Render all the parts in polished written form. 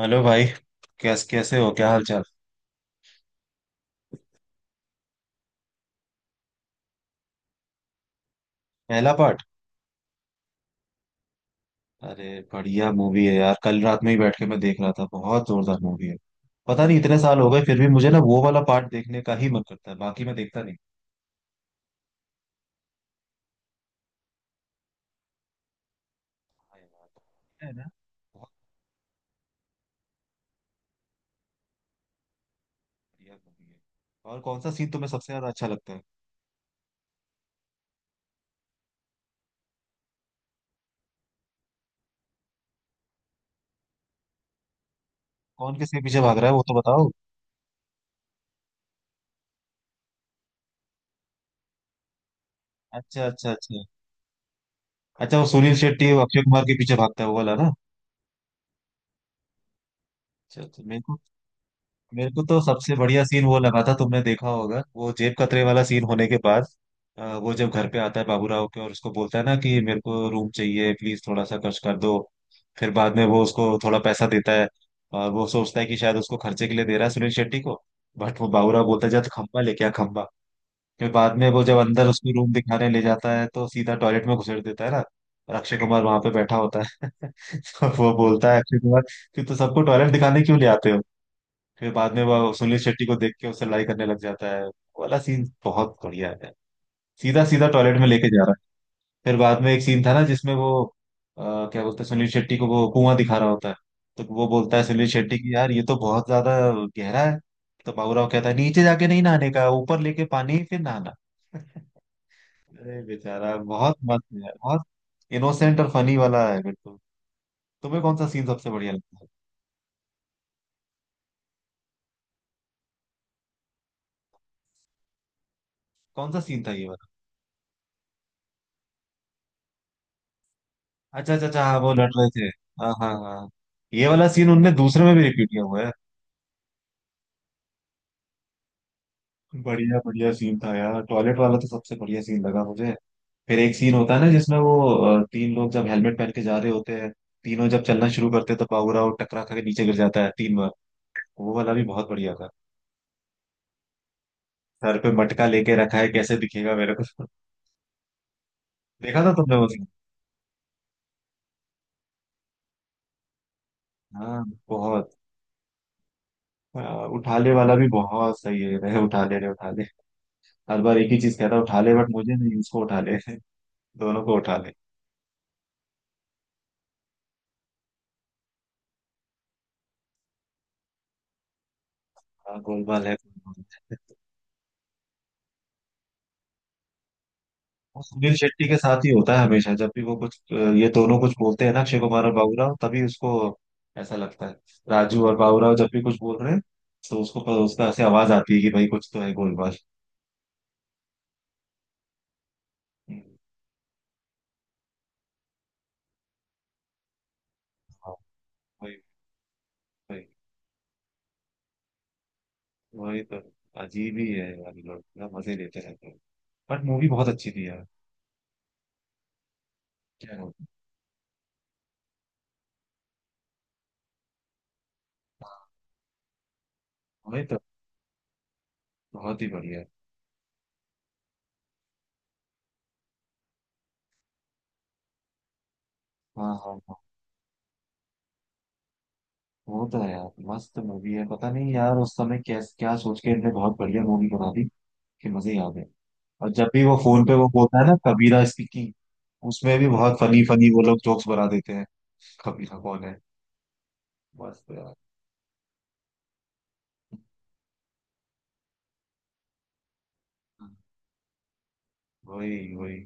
Hello भाई। कैसे हो, क्या हाल चाल? पहला पार्ट। अरे बढ़िया मूवी है यार, कल रात में ही बैठ के मैं देख रहा था, बहुत जोरदार मूवी है। पता नहीं इतने साल हो गए फिर भी मुझे ना वो वाला पार्ट देखने का ही मन करता है, बाकी मैं देखता नहीं। हाँ यार, है ना। बहुत बढ़िया मूवी है। और कौन सा सीन तुम्हें सबसे ज्यादा अच्छा लगता है? कौन किसके पीछे भाग रहा है वो तो बताओ। अच्छा अच्छा अच्छा। अच्छा वो सुनील शेट्टी और अक्षय कुमार के पीछे भागता है वो वाला ना। अच्छा अच्छा। मेरे को तो सबसे बढ़िया सीन वो लगा था। तुमने देखा होगा वो जेब कतरे वाला सीन होने के बाद वो जब घर पे आता है बाबूराव के और उसको बोलता है ना कि मेरे को रूम चाहिए, प्लीज थोड़ा सा खर्च कर दो। फिर बाद में वो उसको थोड़ा पैसा देता है और वो सोचता है कि शायद उसको खर्चे के लिए दे रहा है सुनील शेट्टी को, बट वो बाबूराव बोलता है जा तो खंबा लेके आ खंबा। फिर बाद में वो जब अंदर उसको रूम दिखाने ले जाता है तो सीधा टॉयलेट में घुसेड़ देता है ना, और अक्षय कुमार वहां पे बैठा होता है तो वो बोलता है अक्षय कुमार कि तू तो सबको टॉयलेट दिखाने क्यों ले आते हो। फिर बाद में वो सुनील शेट्टी को देख के उससे लड़ाई करने लग जाता है। वो वाला सीन बहुत बढ़िया है, सीधा सीधा टॉयलेट में लेके जा रहा है। फिर बाद में एक सीन था ना जिसमें वो क्या बोलते हैं, सुनील शेट्टी को वो कुआं दिखा रहा होता है, तो वो बोलता है सुनील शेट्टी की यार ये तो बहुत ज्यादा गहरा है, तो बाबूराव कहता है नीचे जाके नहीं नहाने का, ऊपर लेके पानी ही फिर नहाना। अरे बेचारा बहुत मस्त है यार, बहुत इनोसेंट और फनी वाला है बिल्कुल। तुम्हें कौन सा सीन सबसे बढ़िया लगता है? कौन सा सीन था ये वाला? अच्छा अच्छा अच्छा, हाँ वो लड़ रहे थे। हाँ हाँ हाँ। ये वाला सीन उनने दूसरे में भी रिपीट किया हुआ है। बढ़िया बढ़िया सीन था यार, टॉयलेट वाला तो सबसे बढ़िया सीन लगा मुझे। फिर एक सीन होता है ना जिसमें वो तीन लोग जब हेलमेट पहन के जा रहे होते हैं, तीनों जब चलना शुरू करते हैं तो पावरा टकरा खा के नीचे गिर जाता है तीन बार। वो वाला भी बहुत बढ़िया था। सर पे मटका लेके रखा है कैसे दिखेगा मेरे को। देखा था तुमने वो सीन? हाँ बहुत। हाँ, उठाले वाला भी बहुत सही है। रे उठाले रे उठाले, हर बार एक ही चीज कहता है उठाले, बट मुझे नहीं उसको उठाले। दोनों को उठाले। हाँ गोलमाल है गोलमाल है। वो सुनील शेट्टी के साथ ही होता है हमेशा, जब भी वो कुछ ये दोनों कुछ बोलते हैं ना अक्षय कुमार और बाबूराव तभी उसको ऐसा लगता है। राजू और बाबूराव जब भी कुछ बोल रहे हैं तो उसको पर उसका ऐसे आवाज आती है कि भाई कुछ तो है गोलमाल। हम्म, हाँ, वही वही। वही तो, अजीब ही है यार, ये लोग ना मजे लेते रहते हैं। बट मूवी बहुत अच्छी थी यार, क्या बोलूं? वही तो। बहुत ही बढ़िया। हाँ हाँ हाँ। वो तो है यार, मस्त मूवी है। पता नहीं यार उस समय क्या क्या सोच के इनने बहुत बढ़िया मूवी बना दी कि मजे ही आ गए। और जब भी वो फोन पे वो बोलता है ना कबीरा स्पीकिंग, उसमें भी बहुत फनी फनी वो लोग जोक्स बना देते हैं। कबीरा कौन है? मस्त यार। वही वही।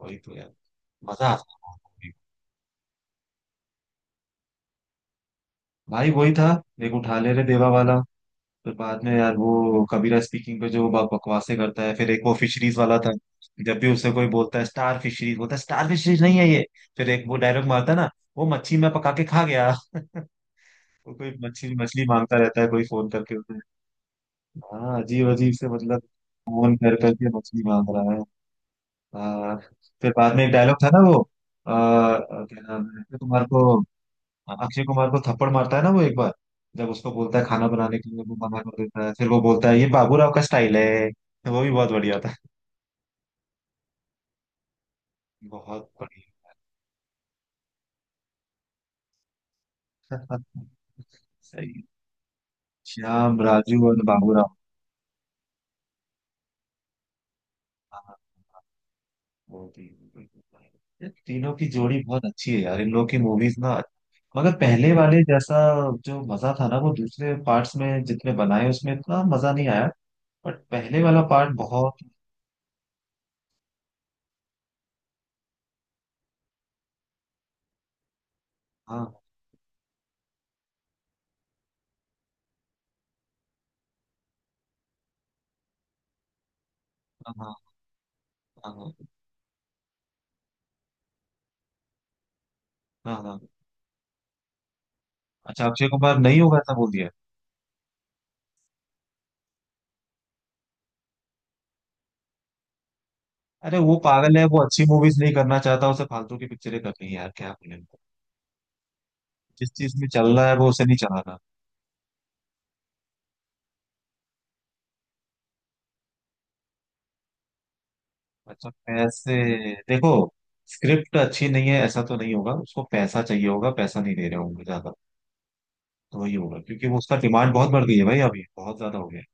वही तो यार, मजा आता है। भाई वही था, एक उठा ले रे देवा वाला। फिर बाद में यार वो कबीरा स्पीकिंग पे जो बकवासें करता है। फिर एक वो फिशरीज वाला था, जब भी उसे कोई बोलता है स्टार फिशरीज, बोलता है स्टार फिशरीज नहीं है ये। फिर एक वो डायलॉग मारता है ना, वो मच्छी मैं पका के खा गया। वो कोई मच्छी मछली मांगता रहता है कोई फोन करके। हाँ अजीब अजीब से मतलब, फोन कर करके मछली मांग रहा है। हाँ। फिर बाद में एक डायलॉग था ना वो आ, क्या नाम है, अक्षय कुमार को थप्पड़ मारता है ना वो एक बार, जब उसको बोलता है खाना बनाने के लिए वो मना कर देता है, फिर वो बोलता है ये बाबूराव का स्टाइल है, तो वो भी बहुत बढ़िया था। बहुत बढ़िया। सही। श्याम, राजू और बाबूराव। वो भी यार, तीनों की जोड़ी बहुत अच्छी है यार, इन लोग की मूवीज ना मगर पहले वाले जैसा जो मजा था ना, वो दूसरे पार्ट्स में जितने बनाए उसमें इतना मजा नहीं आया। बट पहले वाला पार्ट बहुत। हाँ हाँ हाँ। हाँ हाँ हाँ। अच्छा अक्षय कुमार नहीं होगा ऐसा बोल दिया? अरे वो पागल है, वो अच्छी मूवीज नहीं करना चाहता, उसे फालतू की पिक्चरें करनी है यार, क्या बोले। जिस चीज में चल रहा है वो उसे नहीं चलाना। अच्छा पैसे। देखो, स्क्रिप्ट अच्छी नहीं है ऐसा तो नहीं होगा, उसको पैसा चाहिए होगा, पैसा नहीं दे रहे होंगे ज्यादा, तो वही होगा, क्योंकि वो उसका डिमांड बहुत बढ़ गई है भाई, अभी बहुत ज्यादा हो गया है।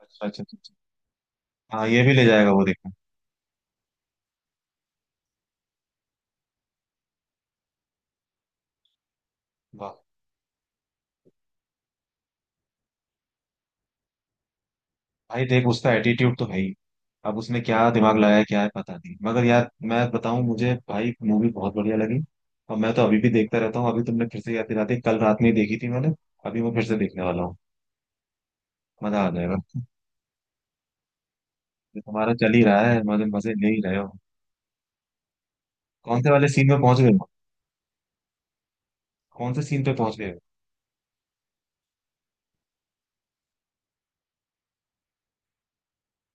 अच्छा अच्छा अच्छा अच्छा। हाँ ये भी ले जाएगा वो देखना। वाह। भाई देख उसका एटीट्यूड तो है ही, अब उसने क्या दिमाग लगाया क्या है पता नहीं, मगर यार मैं बताऊं, मुझे भाई मूवी बहुत बढ़िया लगी। और मैं तो अभी भी देखता रहता हूँ, अभी तुमने फिर से याद दिला दी, कल रात में ही देखी थी मैंने। अभी मैं फिर से देखने वाला हूँ। मजा आ जाएगा। ये तुम्हारा चल ही रहा है, मजे मजे ले ही रहे हो। कौन से वाले सीन में पहुंच गए हो? कौन से सीन पे पहुंच गए हो?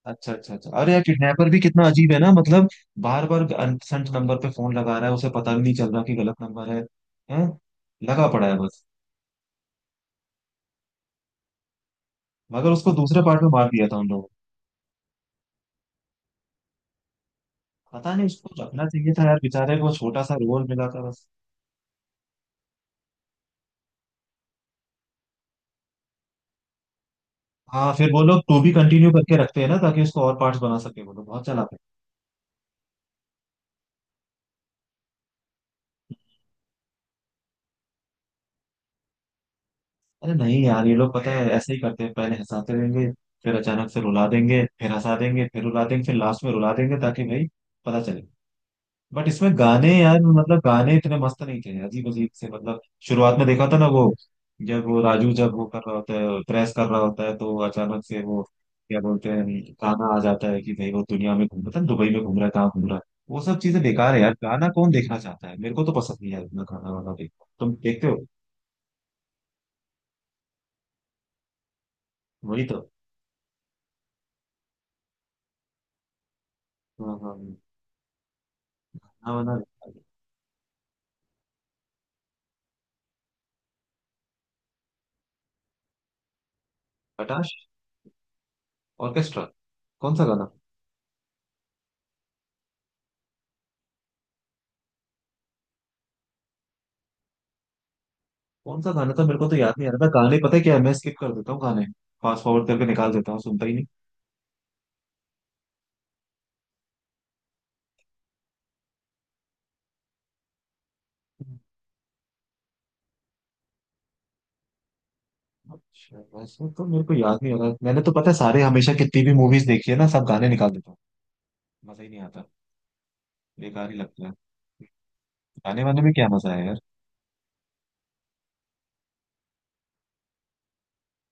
अच्छा अच्छा अच्छा, अरे यार किडनैपर भी कितना अजीब है ना मतलब, बार बार अनसेंट नंबर पे फोन लगा रहा है, उसे पता भी नहीं चल रहा कि गलत नंबर है। हैं। लगा पड़ा है बस। मगर उसको दूसरे पार्ट में मार दिया था उन लोगों ने। पता नहीं उसको रखना चाहिए था यार, बेचारे को छोटा सा रोल मिला था बस। हाँ फिर वो लोग टू भी कंटिन्यू करके रखते हैं ना ताकि उसको और पार्ट्स बना सके, वो लोग बहुत चलाते हैं। अरे नहीं यार, ये लोग पता है ऐसे ही करते हैं, पहले हंसाते रहेंगे फिर अचानक से रुला देंगे, फिर हंसा देंगे फिर रुला देंगे, फिर लास्ट में रुला देंगे ताकि भाई पता चले। बट इसमें गाने यार, मतलब गाने इतने मस्त नहीं थे, अजीब अजीब से मतलब। शुरुआत में देखा था ना वो, जब वो राजू जब वो कर रहा होता है प्रेस कर रहा होता है तो अचानक से वो क्या बोलते हैं गाना आ जाता है कि भाई वो दुनिया में घूम, पता नहीं दुबई में घूम रहा है कहाँ घूम रहा है। वो सब चीजें बेकार है यार, गाना कौन देखना चाहता है, मेरे को तो पसंद नहीं है इतना गाना वाना देखना, तुम देखते हो? वही तो। हाँ हाँ हाँ। गाना वाना। खटाश। ऑर्केस्ट्रा। कौन सा गाना? कौन सा गाना था मेरे को तो याद नहीं आ रहा, था गाने पता है क्या है? मैं स्किप कर देता हूँ गाने, फास्ट फॉरवर्ड करके निकाल देता हूँ, सुनता ही नहीं। अच्छा वैसे तो मेरे को याद नहीं आ रहा, मैंने तो पता है सारे हमेशा कितनी भी मूवीज देखी है ना, सब गाने निकाल देता हूँ। मजा ही नहीं आता। बेकार ही लगता है। गाने वाने में क्या मजा है यार।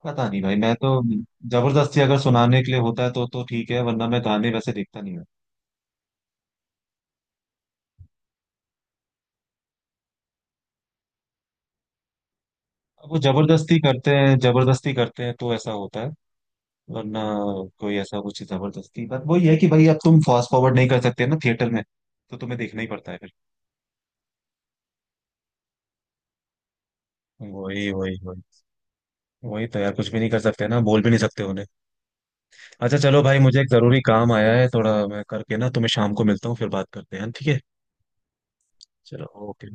पता नहीं भाई मैं तो, जबरदस्ती अगर सुनाने के लिए होता है तो ठीक है, वरना मैं गाने वैसे देखता नहीं हूँ। अब वो जबरदस्ती करते हैं, जबरदस्ती करते हैं तो ऐसा होता है, वरना कोई ऐसा कुछ जबरदस्ती। बट वही है कि भाई अब तुम फास्ट फॉरवर्ड नहीं कर सकते ना थिएटर में, तो तुम्हें देखना ही पड़ता है फिर। वही वही। वही वही तो यार, कुछ भी नहीं कर सकते ना, बोल भी नहीं सकते उन्हें। अच्छा चलो भाई, मुझे एक जरूरी काम आया है थोड़ा मैं करके ना तुम्हें शाम को मिलता हूँ, फिर बात करते हैं, ठीक है? चलो ओके।